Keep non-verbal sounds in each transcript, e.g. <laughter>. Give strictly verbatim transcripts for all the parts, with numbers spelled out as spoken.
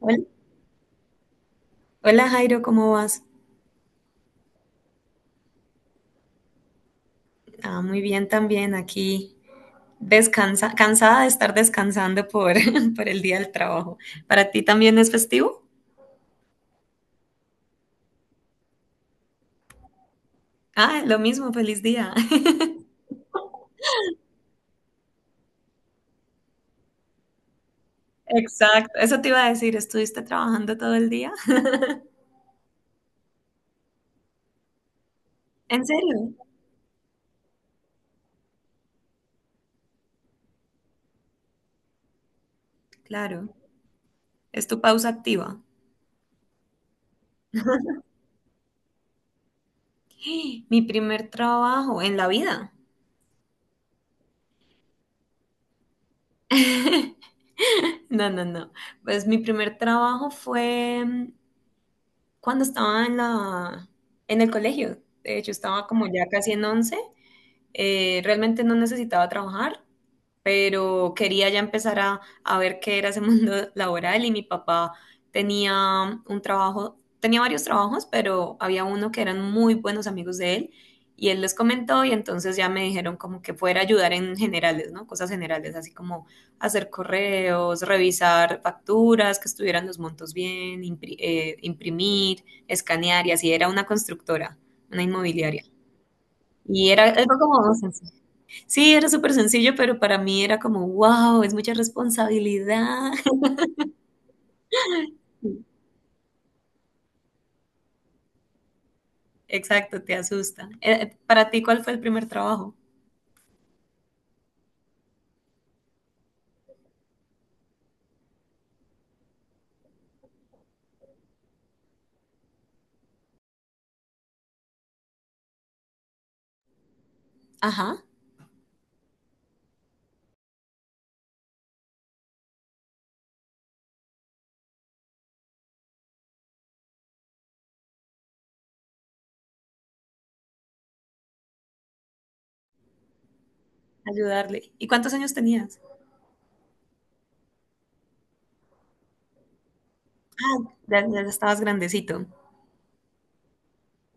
Hola, hola, Jairo, ¿cómo vas? Ah, muy bien también aquí, descansa, cansada de estar descansando por, <laughs> por el día del trabajo. ¿Para ti también es festivo? Ah, lo mismo, feliz día. <laughs> Exacto, eso te iba a decir, ¿estuviste trabajando todo el día? <laughs> ¿En serio? Claro, es tu pausa activa. <gasps> Mi primer trabajo en la vida. <laughs> No, no, no. Pues mi primer trabajo fue mm, cuando estaba en la, en el colegio. De hecho, estaba como ya casi en once. Eh, realmente no necesitaba trabajar, pero quería ya empezar a, a ver qué era ese <laughs> mundo laboral y mi papá tenía un trabajo, tenía varios trabajos, pero había uno que eran muy buenos amigos de él y él les comentó y entonces ya me dijeron como que fuera a ayudar en generales, ¿no? Cosas generales, así como hacer correos, revisar facturas, que estuvieran los montos bien, impri- eh, imprimir, escanear y así era una constructora, una inmobiliaria. Y era algo como docencia. Sí, era súper sencillo, pero para mí era como, wow, es mucha responsabilidad. <laughs> Exacto, te asusta. Eh, para ti, ¿cuál fue el primer trabajo? Ajá, ayudarle. ¿Y cuántos años tenías? Ya, ya estabas grandecito.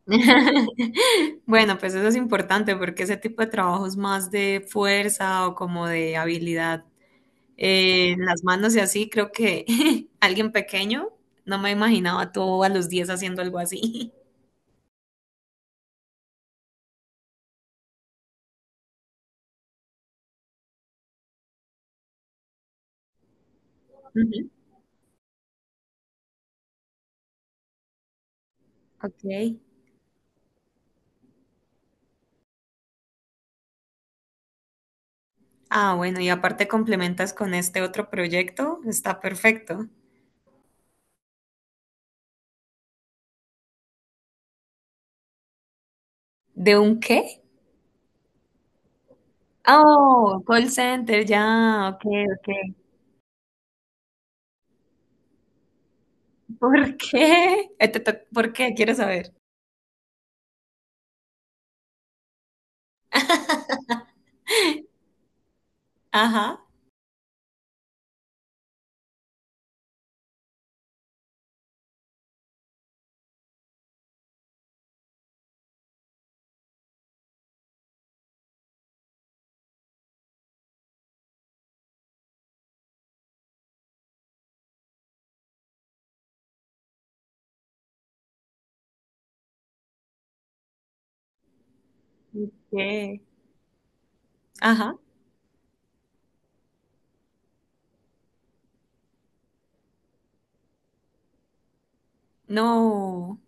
<laughs> Bueno, pues eso es importante porque ese tipo de trabajo es más de fuerza o como de habilidad eh, en las manos y así. Creo que <laughs> alguien pequeño, no me imaginaba tú a los diez haciendo algo así. <laughs> Ujú. Ok. Ah, bueno, y aparte complementas con este otro proyecto, está perfecto. ¿De un qué? Oh, call center, ya, ok, ok. ¿Por qué? <laughs> Eh, te to- ¿Por qué? Quiero saber. <laughs> Ajá, ¿qué? Ajá, no.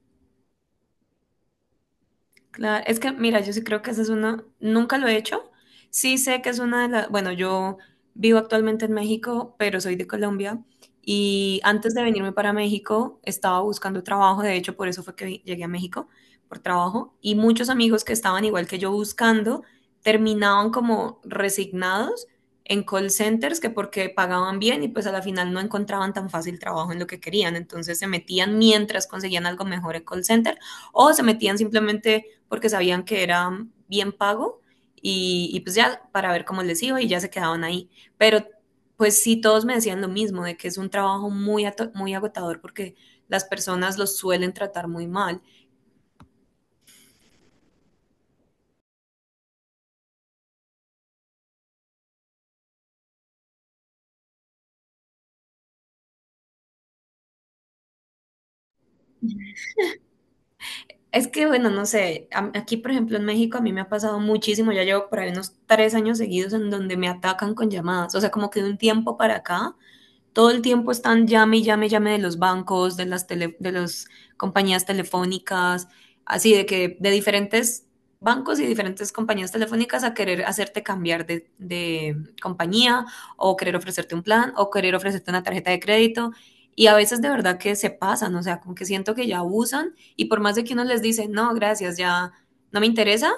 Claro, es que mira, yo sí creo que esa es una, nunca lo he hecho. Sí sé que es una de las, bueno, yo vivo actualmente en México, pero soy de Colombia y antes de venirme para México estaba buscando trabajo, de hecho por eso fue que vi- llegué a México, por trabajo, y muchos amigos que estaban igual que yo buscando terminaban como resignados en call centers que porque pagaban bien y pues a la final no encontraban tan fácil trabajo en lo que querían, entonces se metían mientras conseguían algo mejor en call center o se metían simplemente porque sabían que era bien pago y, y pues ya para ver cómo les iba y ya se quedaban ahí. Pero pues sí, todos me decían lo mismo, de que es un trabajo muy, ato- muy agotador porque las personas los suelen tratar muy mal. Es que, bueno, no sé, a- aquí por ejemplo en México a mí me ha pasado muchísimo, ya llevo por ahí unos tres años seguidos en donde me atacan con llamadas, o sea, como que de un tiempo para acá todo el tiempo están llame y llame y llame de los bancos, de las tele- de las compañías telefónicas, así de que de diferentes bancos y diferentes compañías telefónicas a querer hacerte cambiar de, de compañía o querer ofrecerte un plan o querer ofrecerte una tarjeta de crédito. Y a veces de verdad que se pasan, o sea, como que siento que ya abusan y por más de que uno les dice, no, gracias, ya no me interesa,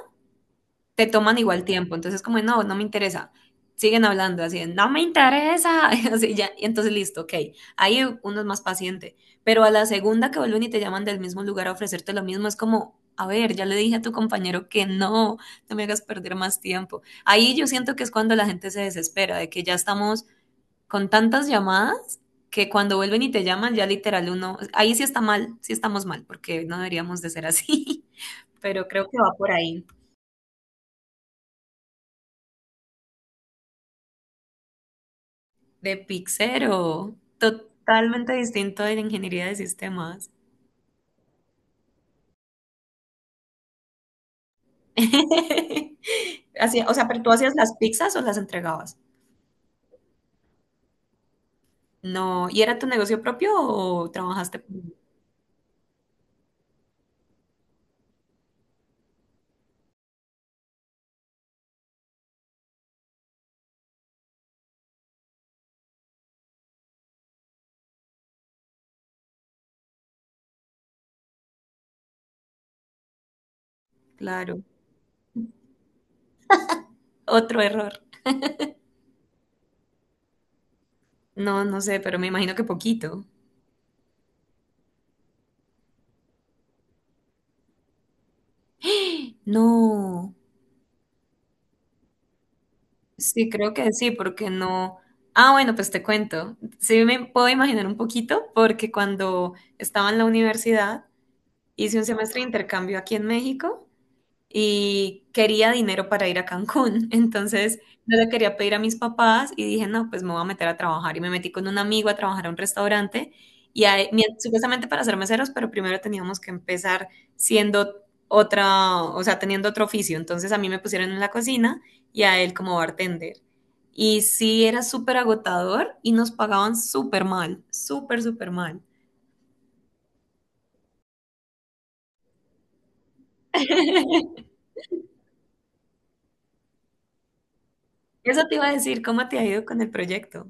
te toman igual tiempo. Entonces, como, no, no me interesa. Siguen hablando así, no me interesa. <laughs> Así ya, y entonces, listo, ok. Ahí uno es más paciente. Pero a la segunda que vuelven y te llaman del mismo lugar a ofrecerte lo mismo, es como, a ver, ya le dije a tu compañero que no, no me hagas perder más tiempo. Ahí yo siento que es cuando la gente se desespera, de que ya estamos con tantas llamadas que cuando vuelven y te llaman, ya literal uno, ahí sí está mal, sí estamos mal, porque no deberíamos de ser así, <laughs> pero creo que va por ahí. De Pic Cero, totalmente distinto de la ingeniería de sistemas. <laughs> Así, o sea, pero tú hacías las pizzas o las entregabas. No, ¿y era tu negocio propio o trabajaste? Claro, otro error. No, no sé, pero me imagino que poquito. <gasps> No, sí, creo que sí, porque no. Ah, bueno, pues te cuento. Sí, me puedo imaginar un poquito, porque cuando estaba en la universidad hice un semestre de intercambio aquí en México y quería dinero para ir a Cancún. <laughs> Entonces, no le quería pedir a mis papás y dije, no, pues me voy a meter a trabajar. Y me metí con un amigo a trabajar a un restaurante y ahí- mi- supuestamente para ser meseros, pero primero teníamos que empezar siendo otra, o sea, teniendo otro oficio. Entonces, a mí me pusieron en la cocina y a él como bartender. Y sí, era súper agotador y nos pagaban súper mal, súper, súper mal. <laughs> Eso te iba a decir, ¿cómo te ha ido con el proyecto?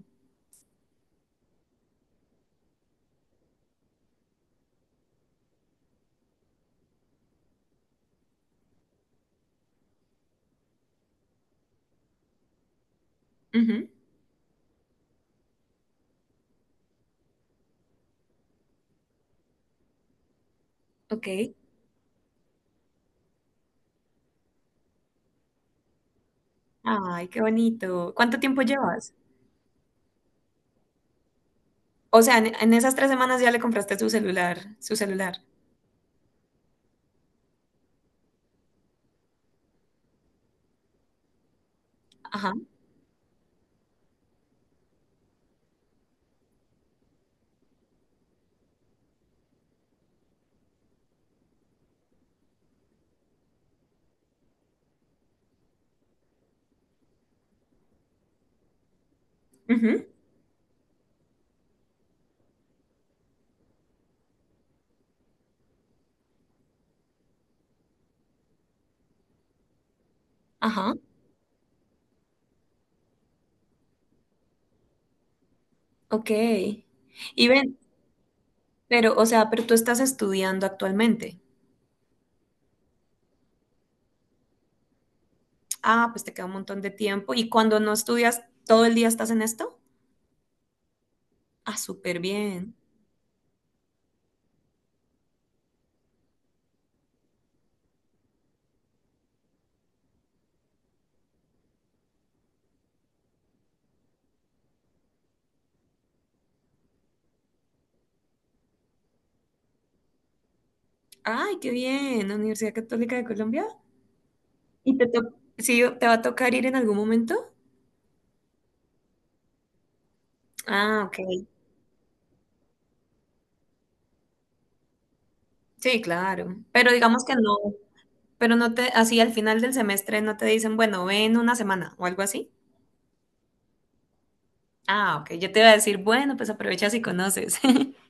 Ujú. Ok. Ay, qué bonito. ¿Cuánto tiempo llevas? O sea, en, en esas tres semanas ya le compraste su celular, su celular. Ajá. Ujú. Ajá. Ok. Y ven, pero, o sea, pero tú estás estudiando actualmente. Ah, pues te queda un montón de tiempo. ¿Y cuando no estudias, todo el día estás en esto? Ah, súper bien. Ay, qué bien. Universidad Católica de Colombia. ¿Y te to- sí, te va a tocar ir en algún momento? Ah, ok. Sí, claro. Pero digamos que no. Pero no te, así al final del semestre no te dicen, bueno, ven una semana o algo así. Ah, ok, yo te iba a decir, bueno, pues aprovechas y conoces. <laughs>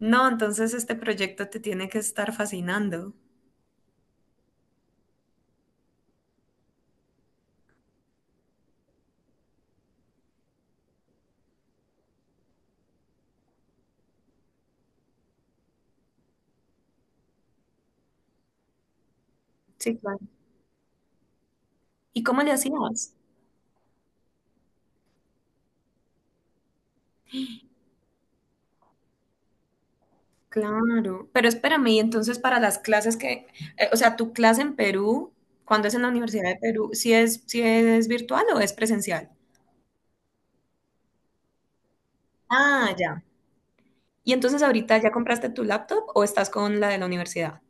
No, entonces este proyecto te tiene que estar fascinando. Sí, claro. ¿Y cómo le hacías? Claro, pero espérame, y entonces para las clases que, eh, o sea, tu clase en Perú, cuando es en la Universidad de Perú, si es, si es virtual o es presencial? Ah, ya. ¿Y entonces ahorita ya compraste tu laptop o estás con la de la universidad?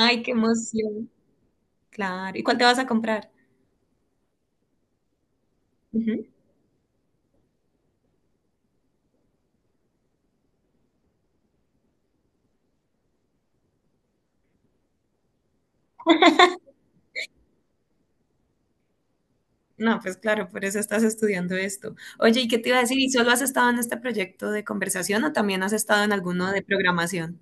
Ay, qué emoción. Claro. ¿Y cuál te vas a comprar? Ujú. No, pues claro, por eso estás estudiando esto. Oye, ¿y qué te iba a decir? ¿Y solo has estado en este proyecto de conversación o también has estado en alguno de programación?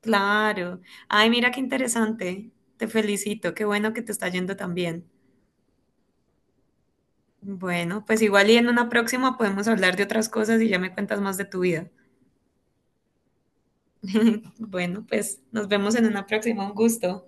Claro. Ay, mira qué interesante. Te felicito. Qué bueno que te está yendo tan bien. Bueno, pues igual y en una próxima podemos hablar de otras cosas y ya me cuentas más de tu vida. <laughs> Bueno, pues nos vemos en una próxima. Un gusto.